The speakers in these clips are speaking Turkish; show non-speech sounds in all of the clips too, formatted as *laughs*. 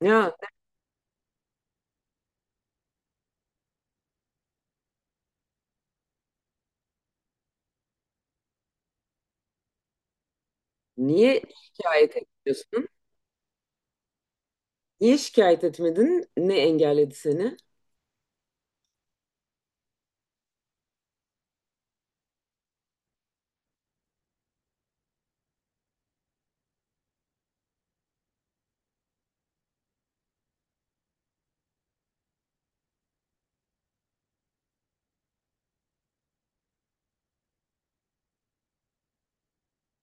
Ya niye şikayet etmiyorsun? Niye şikayet etmedin? Ne engelledi seni?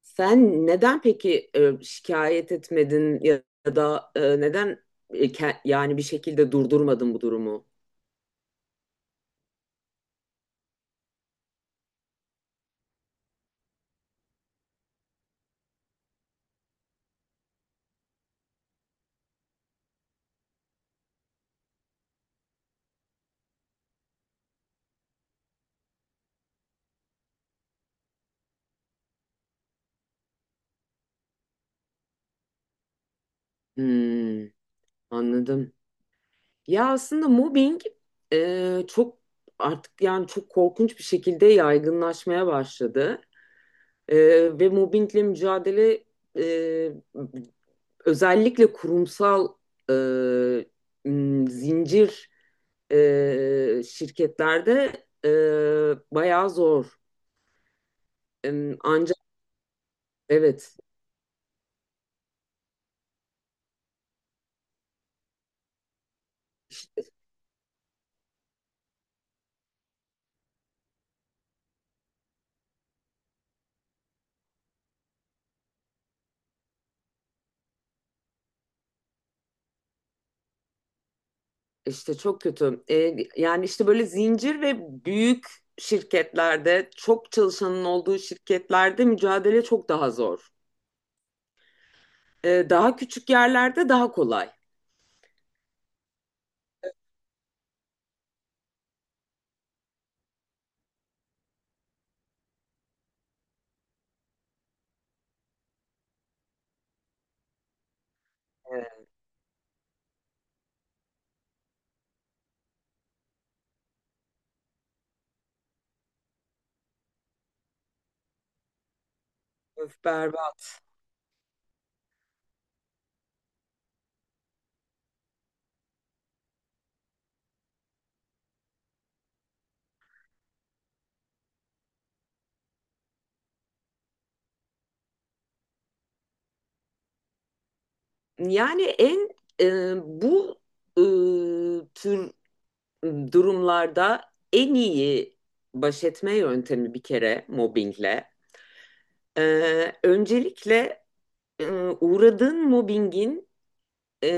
Sen neden peki şikayet etmedin ya da neden yani bir şekilde durdurmadın bu durumu? Hmm, anladım. Ya aslında mobbing çok artık yani çok korkunç bir şekilde yaygınlaşmaya başladı. E, Ve mobbingle mücadele e, özellikle kurumsal e, zincir şirketlerde bayağı zor. Ancak evet, işte çok kötü. Yani işte böyle zincir ve büyük şirketlerde, çok çalışanın olduğu şirketlerde mücadele çok daha zor. Daha küçük yerlerde daha kolay. Evet. Berbat. Yani en bu tür durumlarda en iyi baş etme yöntemi bir kere mobbingle. Öncelikle e, uğradığın mobbingin e,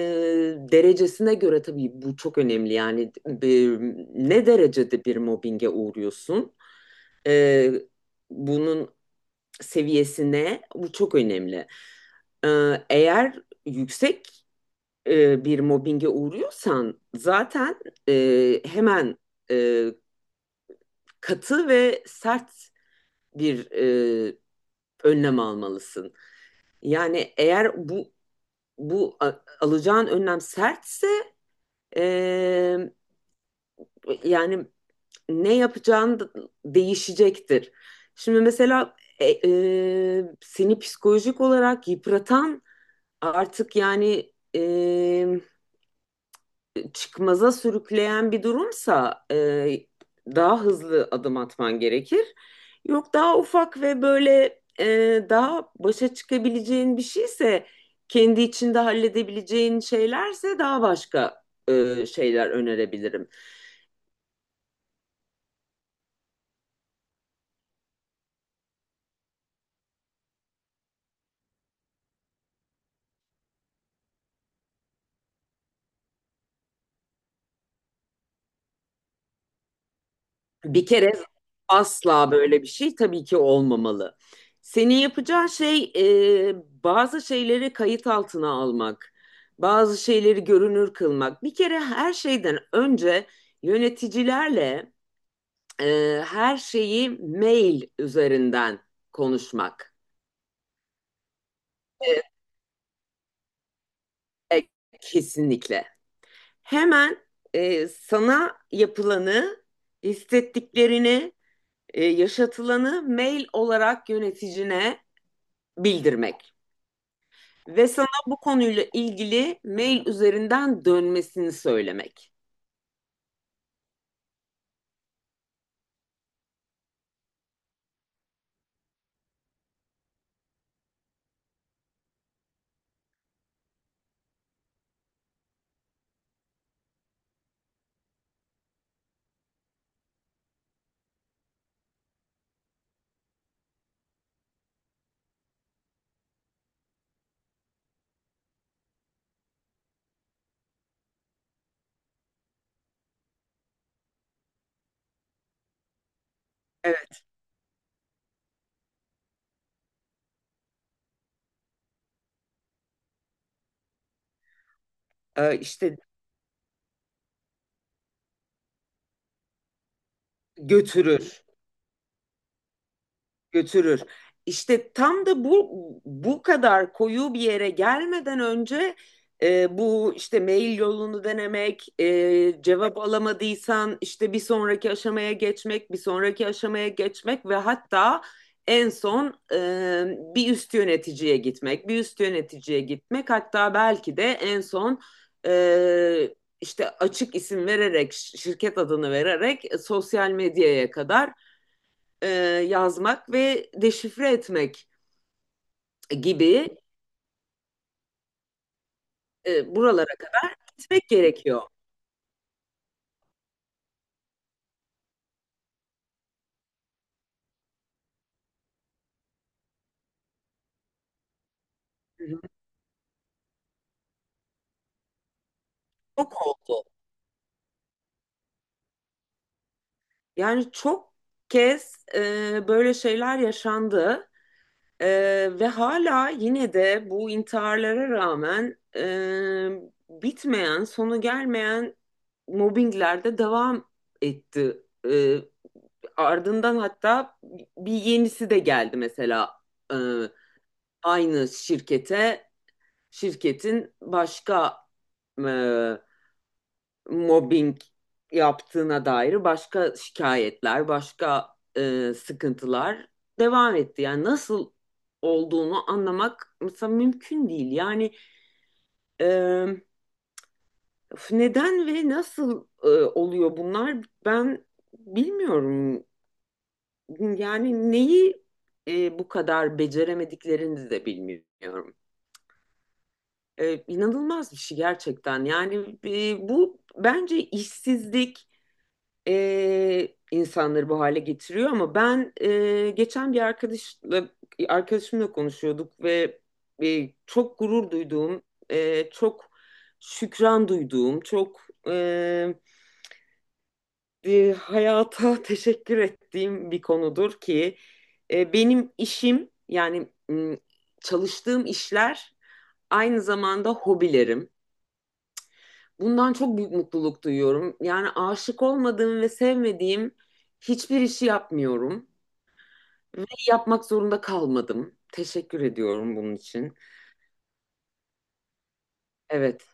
derecesine göre tabii bu çok önemli. Yani e, ne derecede bir mobbinge uğruyorsun? Ee, Bunun seviyesine, bu çok önemli. Eğer yüksek bir mobbinge uğruyorsan zaten hemen e, katı ve sert bir e, önlem almalısın. Yani eğer bu alacağın önlem sertse e, yani ne yapacağın değişecektir. Şimdi mesela seni psikolojik olarak yıpratan, artık yani çıkmaza sürükleyen bir durumsa daha hızlı adım atman gerekir. Yok daha ufak ve böyle daha başa çıkabileceğin bir şeyse, kendi içinde halledebileceğin şeylerse daha başka şeyler önerebilirim. Bir kere asla böyle bir şey tabii ki olmamalı. Senin yapacağın şey bazı şeyleri kayıt altına almak, bazı şeyleri görünür kılmak. Bir kere her şeyden önce yöneticilerle her şeyi mail üzerinden konuşmak. E, e, Kesinlikle. Hemen sana yapılanı, hissettiklerini, yaşatılanı mail olarak yöneticine bildirmek ve sana bu konuyla ilgili mail üzerinden dönmesini söylemek. Evet, işte götürür. Götürür. İşte tam da bu kadar koyu bir yere gelmeden önce bu işte mail yolunu denemek, cevap alamadıysan işte bir sonraki aşamaya geçmek, bir sonraki aşamaya geçmek ve hatta en son e, bir üst yöneticiye gitmek, bir üst yöneticiye gitmek, hatta belki de en son e, işte açık isim vererek, şirket adını vererek sosyal medyaya kadar e, yazmak ve deşifre etmek gibi buralara kadar gitmek gerekiyor. Hı hı. Çok oldu. Yani çok kez böyle şeyler yaşandı. E, Ve hala, yine de bu intiharlara rağmen bitmeyen, sonu gelmeyen mobbingler de devam etti. E, Ardından hatta bir yenisi de geldi mesela. e, Aynı şirkete, şirketin başka e, mobbing yaptığına dair başka şikayetler, başka sıkıntılar devam etti. Yani nasıl olduğunu anlamak mesela mümkün değil. Yani e, neden ve nasıl oluyor bunlar, ben bilmiyorum. Yani neyi bu kadar beceremediklerini de bilmiyorum. İnanılmaz bir şey gerçekten. Yani bu bence işsizlik insanları bu hale getiriyor. Ama ben geçen bir arkadaşla arkadaşımla konuşuyorduk ve çok gurur duyduğum, çok şükran duyduğum, çok hayata *laughs* teşekkür ettiğim bir konudur ki benim işim, yani çalıştığım işler aynı zamanda hobilerim. Bundan çok büyük mutluluk duyuyorum. Yani aşık olmadığım ve sevmediğim hiçbir işi yapmıyorum ve yapmak zorunda kalmadım. Teşekkür ediyorum bunun için. Evet.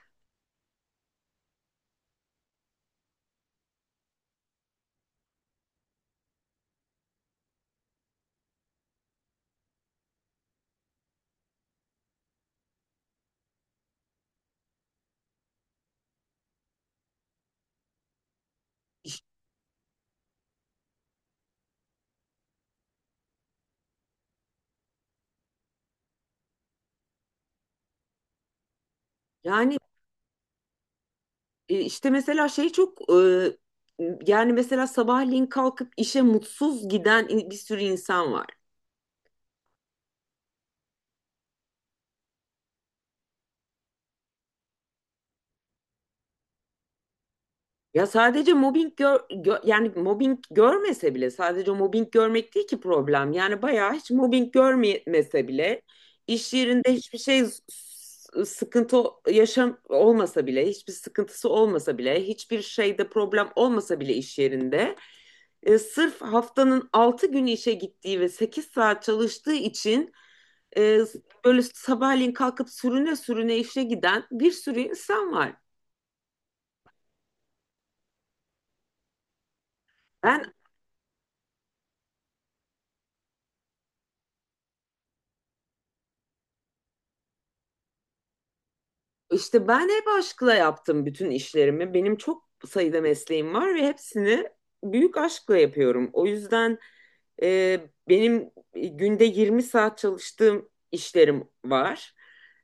Yani işte mesela şey çok yani mesela sabahleyin kalkıp işe mutsuz giden bir sürü insan var. Ya sadece mobbing yani mobbing görmese bile, sadece mobbing görmek değil ki problem. Yani bayağı hiç mobbing görmese bile iş yerinde hiçbir şey, sıkıntı, yaşam olmasa bile, hiçbir sıkıntısı olmasa bile, hiçbir şeyde problem olmasa bile iş yerinde sırf haftanın 6 gün işe gittiği ve 8 saat çalıştığı için e, böyle sabahleyin kalkıp sürüne sürüne işe giden bir sürü insan var. Ben İşte ben hep aşkla yaptım bütün işlerimi. Benim çok sayıda mesleğim var ve hepsini büyük aşkla yapıyorum. O yüzden e, benim günde 20 saat çalıştığım işlerim var.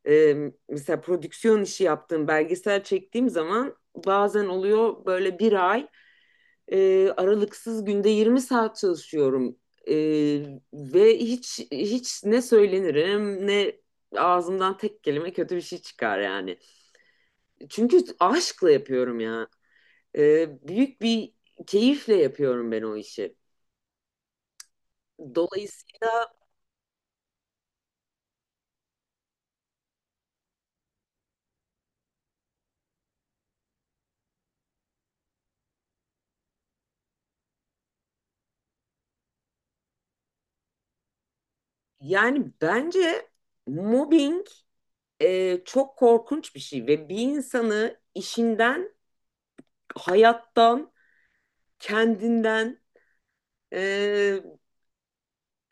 E, Mesela prodüksiyon işi yaptığım, belgesel çektiğim zaman bazen oluyor böyle bir ay aralıksız günde 20 saat çalışıyorum. E, Ve hiç ne söylenirim, ne ağzımdan tek kelime kötü bir şey çıkar yani. Çünkü aşkla yapıyorum ya. Büyük bir keyifle yapıyorum ben o işi. Dolayısıyla yani bence mobbing çok korkunç bir şey ve bir insanı işinden, hayattan, kendinden, e,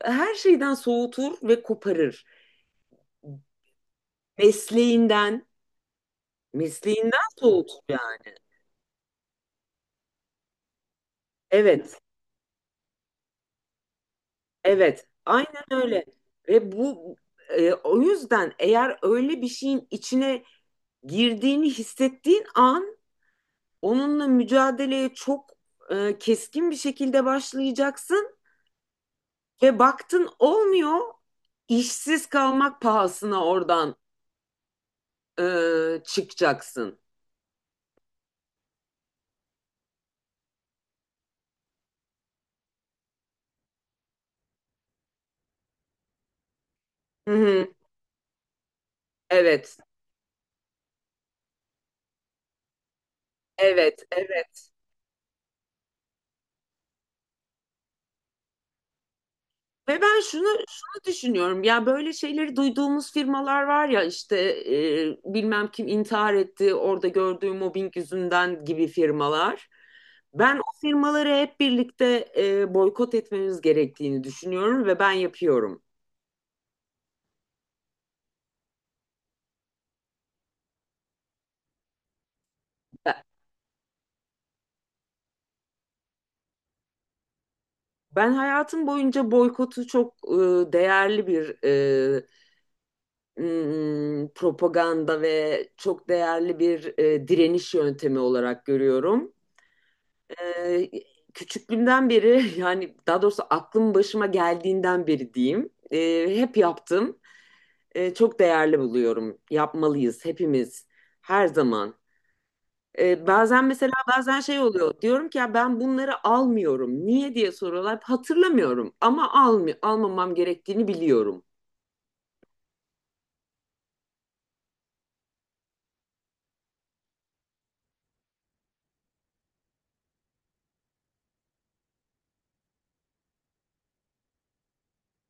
her şeyden soğutur ve koparır. Mesleğinden, mesleğinden soğutur yani. Evet, evet, aynen öyle. Ve bu o yüzden eğer öyle bir şeyin içine girdiğini hissettiğin an onunla mücadeleye çok keskin bir şekilde başlayacaksın ve baktın olmuyor, işsiz kalmak pahasına oradan çıkacaksın. Hı hı. Evet, evet, evet. Ve ben şunu düşünüyorum: ya böyle şeyleri duyduğumuz firmalar var ya, işte bilmem kim intihar etti orada gördüğü mobbing yüzünden gibi firmalar. Ben o firmaları hep birlikte boykot etmemiz gerektiğini düşünüyorum ve ben yapıyorum. Ben ben hayatım boyunca boykotu çok değerli bir propaganda ve çok değerli bir direniş yöntemi olarak görüyorum. Ee, Küçüklüğümden beri *laughs* yani daha doğrusu aklım başıma geldiğinden beri diyeyim, hep yaptım. Çok değerli buluyorum. Yapmalıyız hepimiz her zaman. Bazen mesela bazen şey oluyor. Diyorum ki ya ben bunları almıyorum. Niye diye soruyorlar. Hatırlamıyorum ama almamam gerektiğini biliyorum.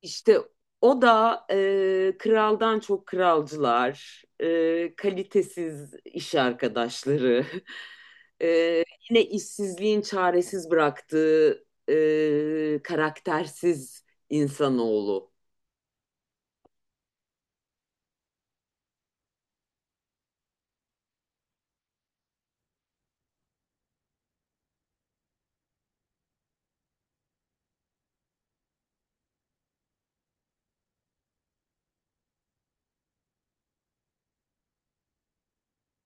İşte o da kraldan çok kralcılar, kalitesiz iş arkadaşları, *laughs* e, yine işsizliğin çaresiz bıraktığı karaktersiz insanoğlu.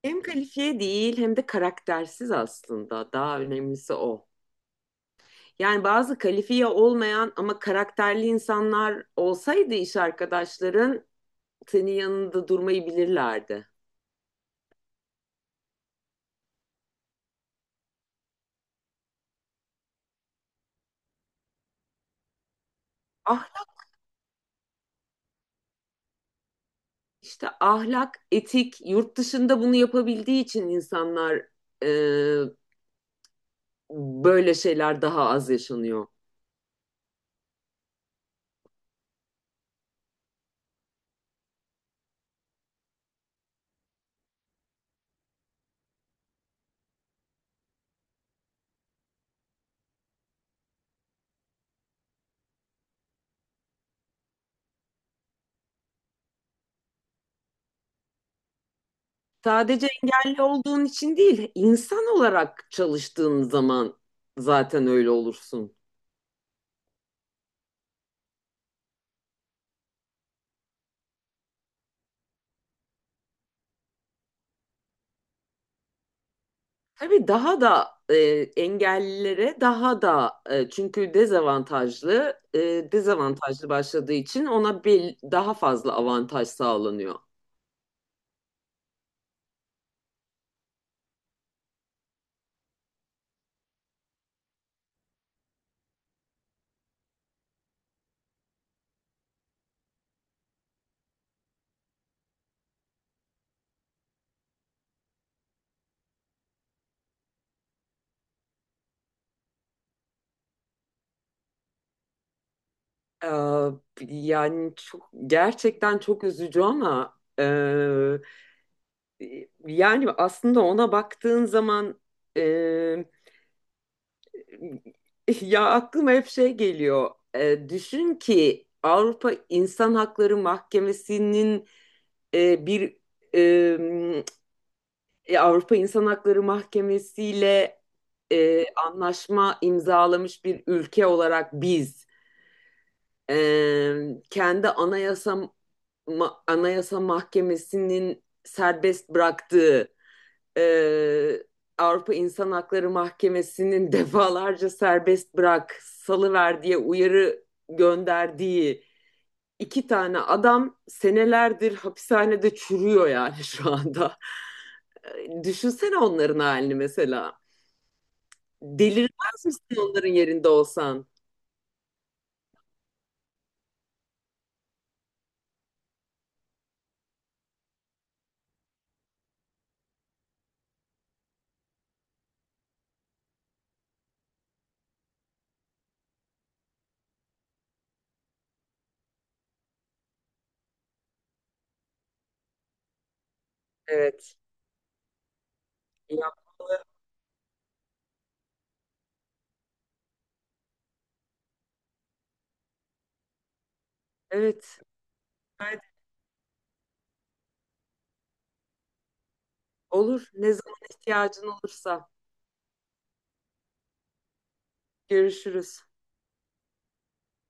Hem kalifiye değil, hem de karaktersiz aslında. Daha önemlisi o. Yani bazı kalifiye olmayan ama karakterli insanlar olsaydı iş arkadaşların, senin yanında durmayı bilirlerdi. Ah, İşte ahlak, etik, yurt dışında bunu yapabildiği için insanlar, e, böyle şeyler daha az yaşanıyor. Sadece engelli olduğun için değil, insan olarak çalıştığın zaman zaten öyle olursun. Tabii daha da engellilere daha da çünkü dezavantajlı başladığı için ona bir daha fazla avantaj sağlanıyor. Ee, Yani çok, gerçekten çok üzücü ama yani aslında ona baktığın zaman e, *laughs* ya aklıma hep şey geliyor. Düşün ki Avrupa İnsan Hakları Mahkemesi'nin bir Avrupa İnsan Hakları Mahkemesi'yle anlaşma imzalamış bir ülke olarak biz e, kendi anayasa mahkemesinin serbest bıraktığı, e, Avrupa İnsan Hakları Mahkemesi'nin *laughs* defalarca serbest bırak, salıver diye uyarı gönderdiği İki tane adam senelerdir hapishanede çürüyor yani şu anda. *laughs* Düşünsene onların halini mesela. Delirmez misin onların yerinde olsan? Evet. Yapmalı. Evet. Haydi. Olur. Ne zaman ihtiyacın olursa. Görüşürüz.